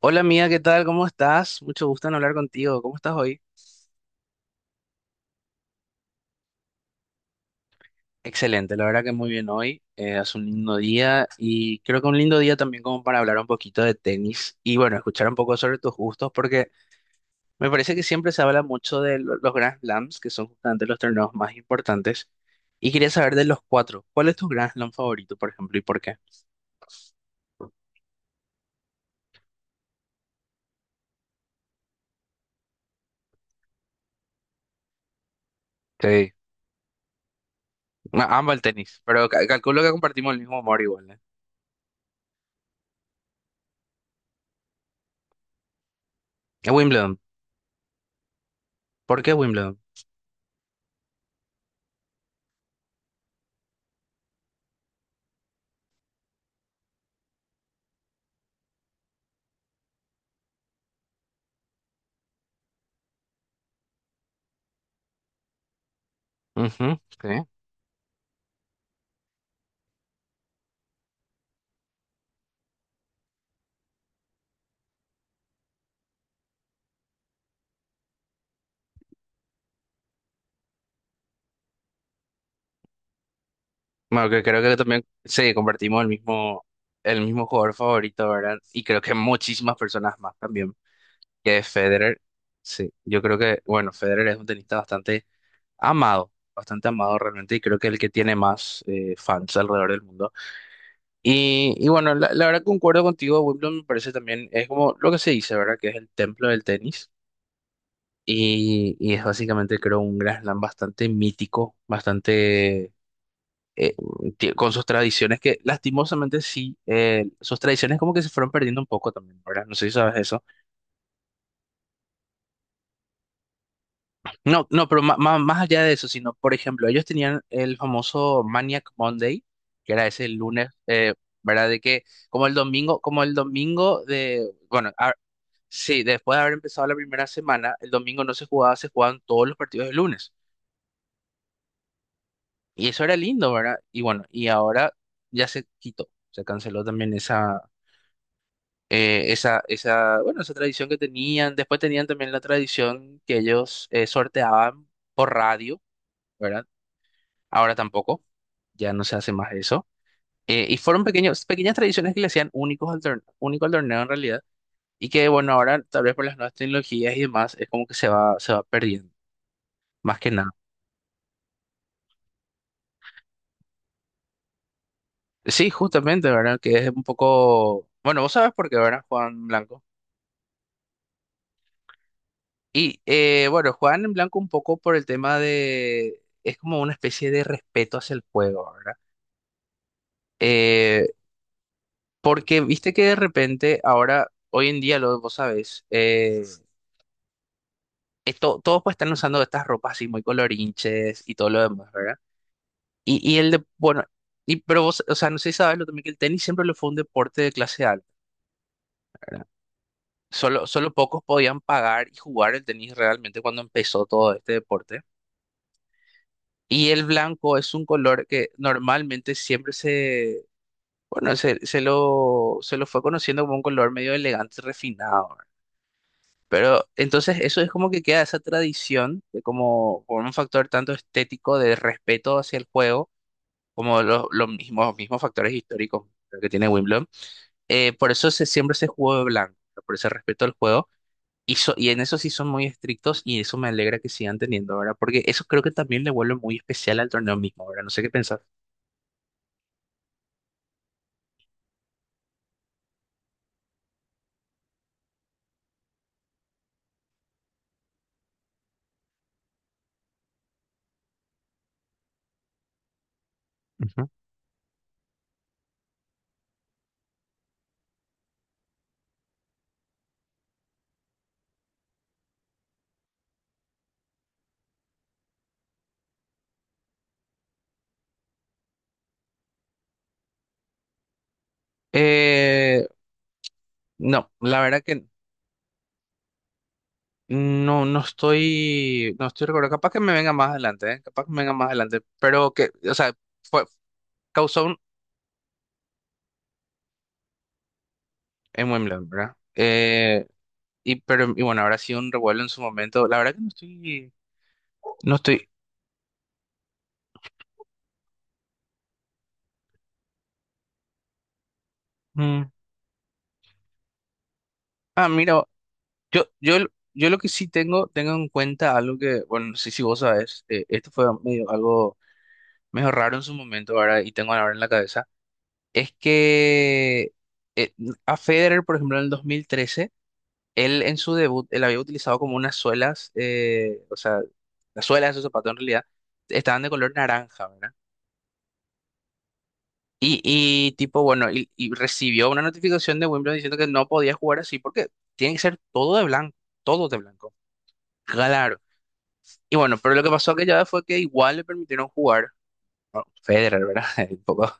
Hola amiga, ¿qué tal? ¿Cómo estás? Mucho gusto en hablar contigo. ¿Cómo estás hoy? Excelente, la verdad que muy bien hoy. Hace un lindo día y creo que un lindo día también como para hablar un poquito de tenis y bueno, escuchar un poco sobre tus gustos porque me parece que siempre se habla mucho de los Grand Slams, que son justamente los torneos más importantes. Y quería saber de los cuatro, ¿cuál es tu Grand Slam favorito, por ejemplo, y por qué? Sí, amo el tenis, pero calculo que compartimos el mismo amor igual, ¿eh? Es Wimbledon. ¿Por qué Wimbledon? Ujú, sí. Bueno, que creo que también sí, compartimos el mismo jugador favorito, ¿verdad? Y creo que muchísimas personas más también, que es Federer. Sí, yo creo que, bueno, Federer es un tenista bastante amado realmente, y creo que es el que tiene más fans alrededor del mundo. Y bueno, la verdad concuerdo contigo, Wimbledon me parece también, es como lo que se dice, ¿verdad? Que es el templo del tenis. Y es básicamente, creo, un gran Slam bastante mítico, bastante eh, con sus tradiciones que lastimosamente sí, sus tradiciones como que se fueron perdiendo un poco también, ¿verdad? No sé si sabes eso. No, no, pero más allá de eso, sino, por ejemplo, ellos tenían el famoso Maniac Monday, que era ese lunes, ¿verdad? De que como el domingo de, bueno, sí, después de haber empezado la primera semana, el domingo no se jugaba, se jugaban todos los partidos del lunes. Y eso era lindo, ¿verdad? Y bueno, y ahora ya se quitó, se canceló también esa bueno, esa tradición que tenían. Después tenían también la tradición que ellos sorteaban por radio, ¿verdad? Ahora tampoco, ya no se hace más eso. Y fueron pequeños, pequeñas tradiciones que le hacían únicos al torneo, único al torneo en realidad. Y que, bueno, ahora tal vez por las nuevas tecnologías y demás, es como que se va perdiendo, más que nada. Sí, justamente, ¿verdad? Que es un poco... Bueno, vos sabes por qué, ¿verdad, Juan Blanco? Y bueno, juegan en blanco un poco por el tema de... Es como una especie de respeto hacia el juego, ¿verdad? Eh, porque viste que de repente, ahora, hoy en día, lo, vos sabés, todos pues están usando estas ropas así muy colorinches y todo lo demás, ¿verdad? Y el de... Bueno, y, pero vos, o sea, no sé si sabes lo también que el tenis siempre lo fue un deporte de clase alta, ¿verdad? Solo pocos podían pagar y jugar el tenis realmente cuando empezó todo este deporte. Y el blanco es un color que normalmente siempre bueno, se lo fue conociendo como un color medio elegante, refinado, ¿verdad? Pero entonces eso es como que queda esa tradición de como por un factor tanto estético de respeto hacia el juego, como los, mismos factores históricos que tiene Wimbledon. Por eso siempre se jugó de blanco, ¿no? Por ese respeto al juego. Y, y en eso sí son muy estrictos y eso me alegra que sigan teniendo, ¿verdad? Porque eso creo que también le vuelve muy especial al torneo mismo, ¿verdad? No sé qué pensás. Ujú. Eh, no, la verdad que no estoy recordando. Capaz que me venga más adelante, ¿eh? Capaz que me venga más adelante. Pero que, o sea, fue, causó un, en Wimbledon, ¿verdad? Y bueno, habrá sido un revuelo en su momento. La verdad que no estoy. Mm. Ah, mira, yo, yo, yo lo que sí tengo, tengo en cuenta algo que, bueno, no sé si vos sabes, esto fue medio, algo medio raro en su momento, ¿verdad? Y tengo ahora en la cabeza. Es que eh, a Federer, por ejemplo, en el 2013 él en su debut, él había utilizado como unas suelas, o sea, las suelas de su zapato en realidad estaban de color naranja, ¿verdad? Y tipo, bueno, y recibió una notificación de Wimbledon diciendo que no podía jugar así porque tiene que ser todo de blanco, todo de blanco. Claro. Y bueno, pero lo que pasó aquella vez fue que igual le permitieron jugar Federer, ¿verdad? Un poco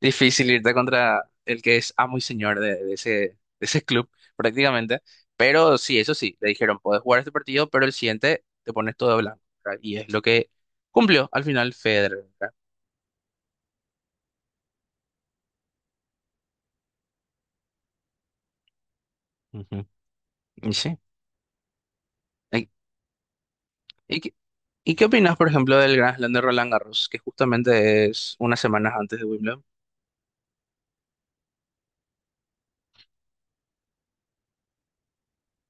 difícil irte contra el que es amo y señor de ese club, prácticamente. Pero sí, eso sí, le dijeron, podés jugar este partido, pero el siguiente te pones todo blanco, ¿verdad? Y es lo que cumplió al final Federer, ¿verdad? Ujú. Y sí. ¿Y, y qué, y qué opinas, por ejemplo, del Grand Slam de Roland Garros, que justamente es unas semanas antes de Wimbledon?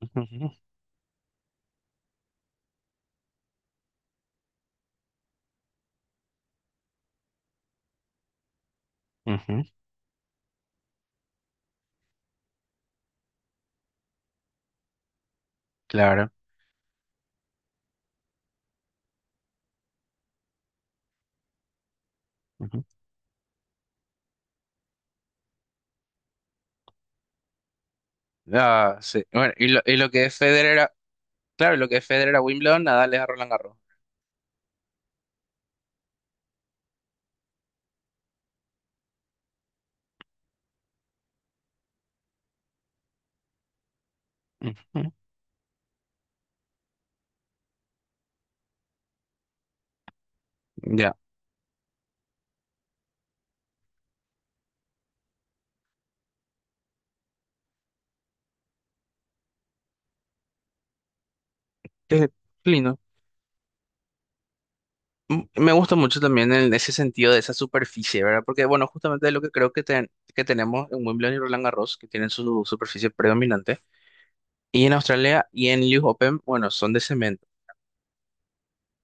Ujú, ujú, claro. Ujú. Ah, sí. Bueno, y lo que es Federer, claro, lo que es Federer a Wimbledon, Nadal es a Roland Garros. Ujú. Ya. Qué lindo. Mm, me gusta mucho también en ese sentido de esa superficie, ¿verdad? Porque, bueno, justamente lo que creo que, que tenemos en Wimbledon y Roland Garros, que tienen su superficie predominante, y en Australia y en US Open, bueno, son de cemento.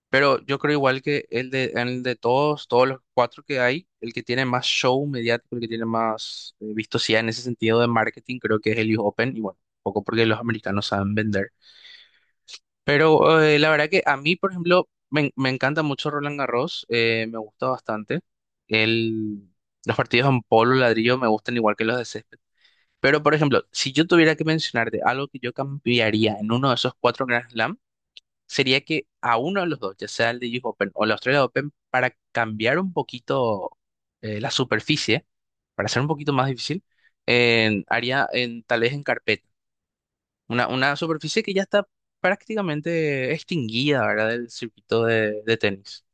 Pero yo creo igual que el de todos, todos los cuatro que hay, el que tiene más show mediático, el que tiene más vistosidad en ese sentido de marketing, creo que es el US Open, y bueno, poco porque los americanos saben vender. Pero la verdad que a mí, por ejemplo, me encanta mucho Roland Garros, me gusta bastante. El, los partidos en polo ladrillo me gustan igual que los de césped. Pero, por ejemplo, si yo tuviera que mencionarte algo que yo cambiaría en uno de esos cuatro Grand Slam, sería que a uno de los dos, ya sea el de US Open o el Australia Open, para cambiar un poquito la superficie, para hacer un poquito más difícil, haría en, tal vez en carpeta. Una superficie que ya está prácticamente extinguida, ¿verdad? Del circuito de tenis.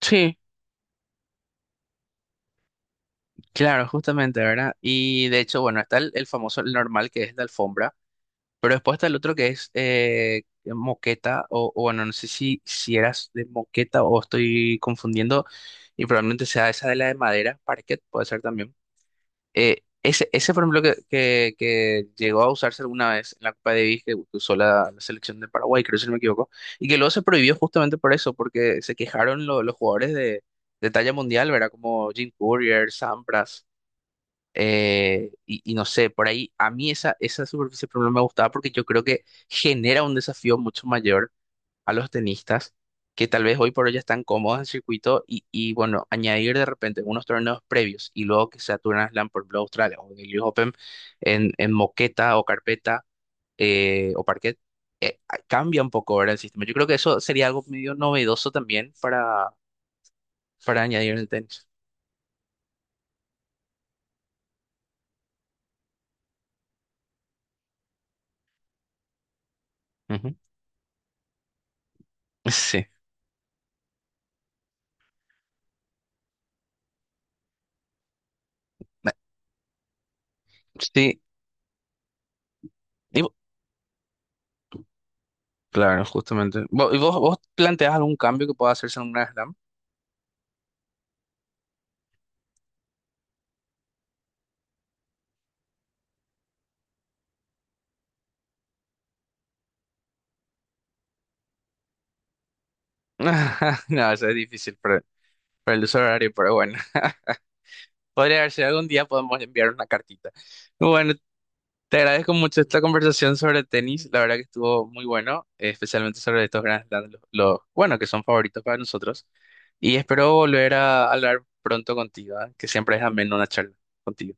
Sí, claro, justamente, ¿verdad? Y de hecho, bueno, está el famoso, el normal, que es de alfombra, pero después está el otro que es moqueta, o bueno, no sé si, si eras de moqueta o estoy confundiendo, y probablemente sea esa de la de madera, parquet, puede ser también. Por ejemplo, que llegó a usarse alguna vez en la Copa Davis, que usó la, la selección de Paraguay, creo si no me equivoco, y que luego se prohibió justamente por eso, porque se quejaron los jugadores de talla mundial, ¿verdad? Como Jim Courier, Sampras, y no sé, por ahí a mí esa, esa superficie por ejemplo, me gustaba porque yo creo que genera un desafío mucho mayor a los tenistas que tal vez hoy por hoy ya están cómodos en el circuito bueno, añadir de repente unos torneos previos y luego que sea Turner Slam por Blue Australia o en el US Open en moqueta o carpeta o parquet, cambia un poco ahora el sistema. Yo creo que eso sería algo medio novedoso también para añadir en el tenis. Ujú. Sí, Na- sí, y vo- claro, justamente. ¿Vos, planteás algún cambio que pueda hacerse en un Grand Slam? No, eso es difícil para el usuario, pero bueno. Podría ver si algún día podemos enviar una cartita. Bueno, te agradezco mucho esta conversación sobre tenis. La verdad que estuvo muy bueno, especialmente sobre estos grandes Slams, los, bueno, que son favoritos para nosotros. Y espero volver a hablar pronto contigo, ¿eh? Que siempre es ameno una charla contigo.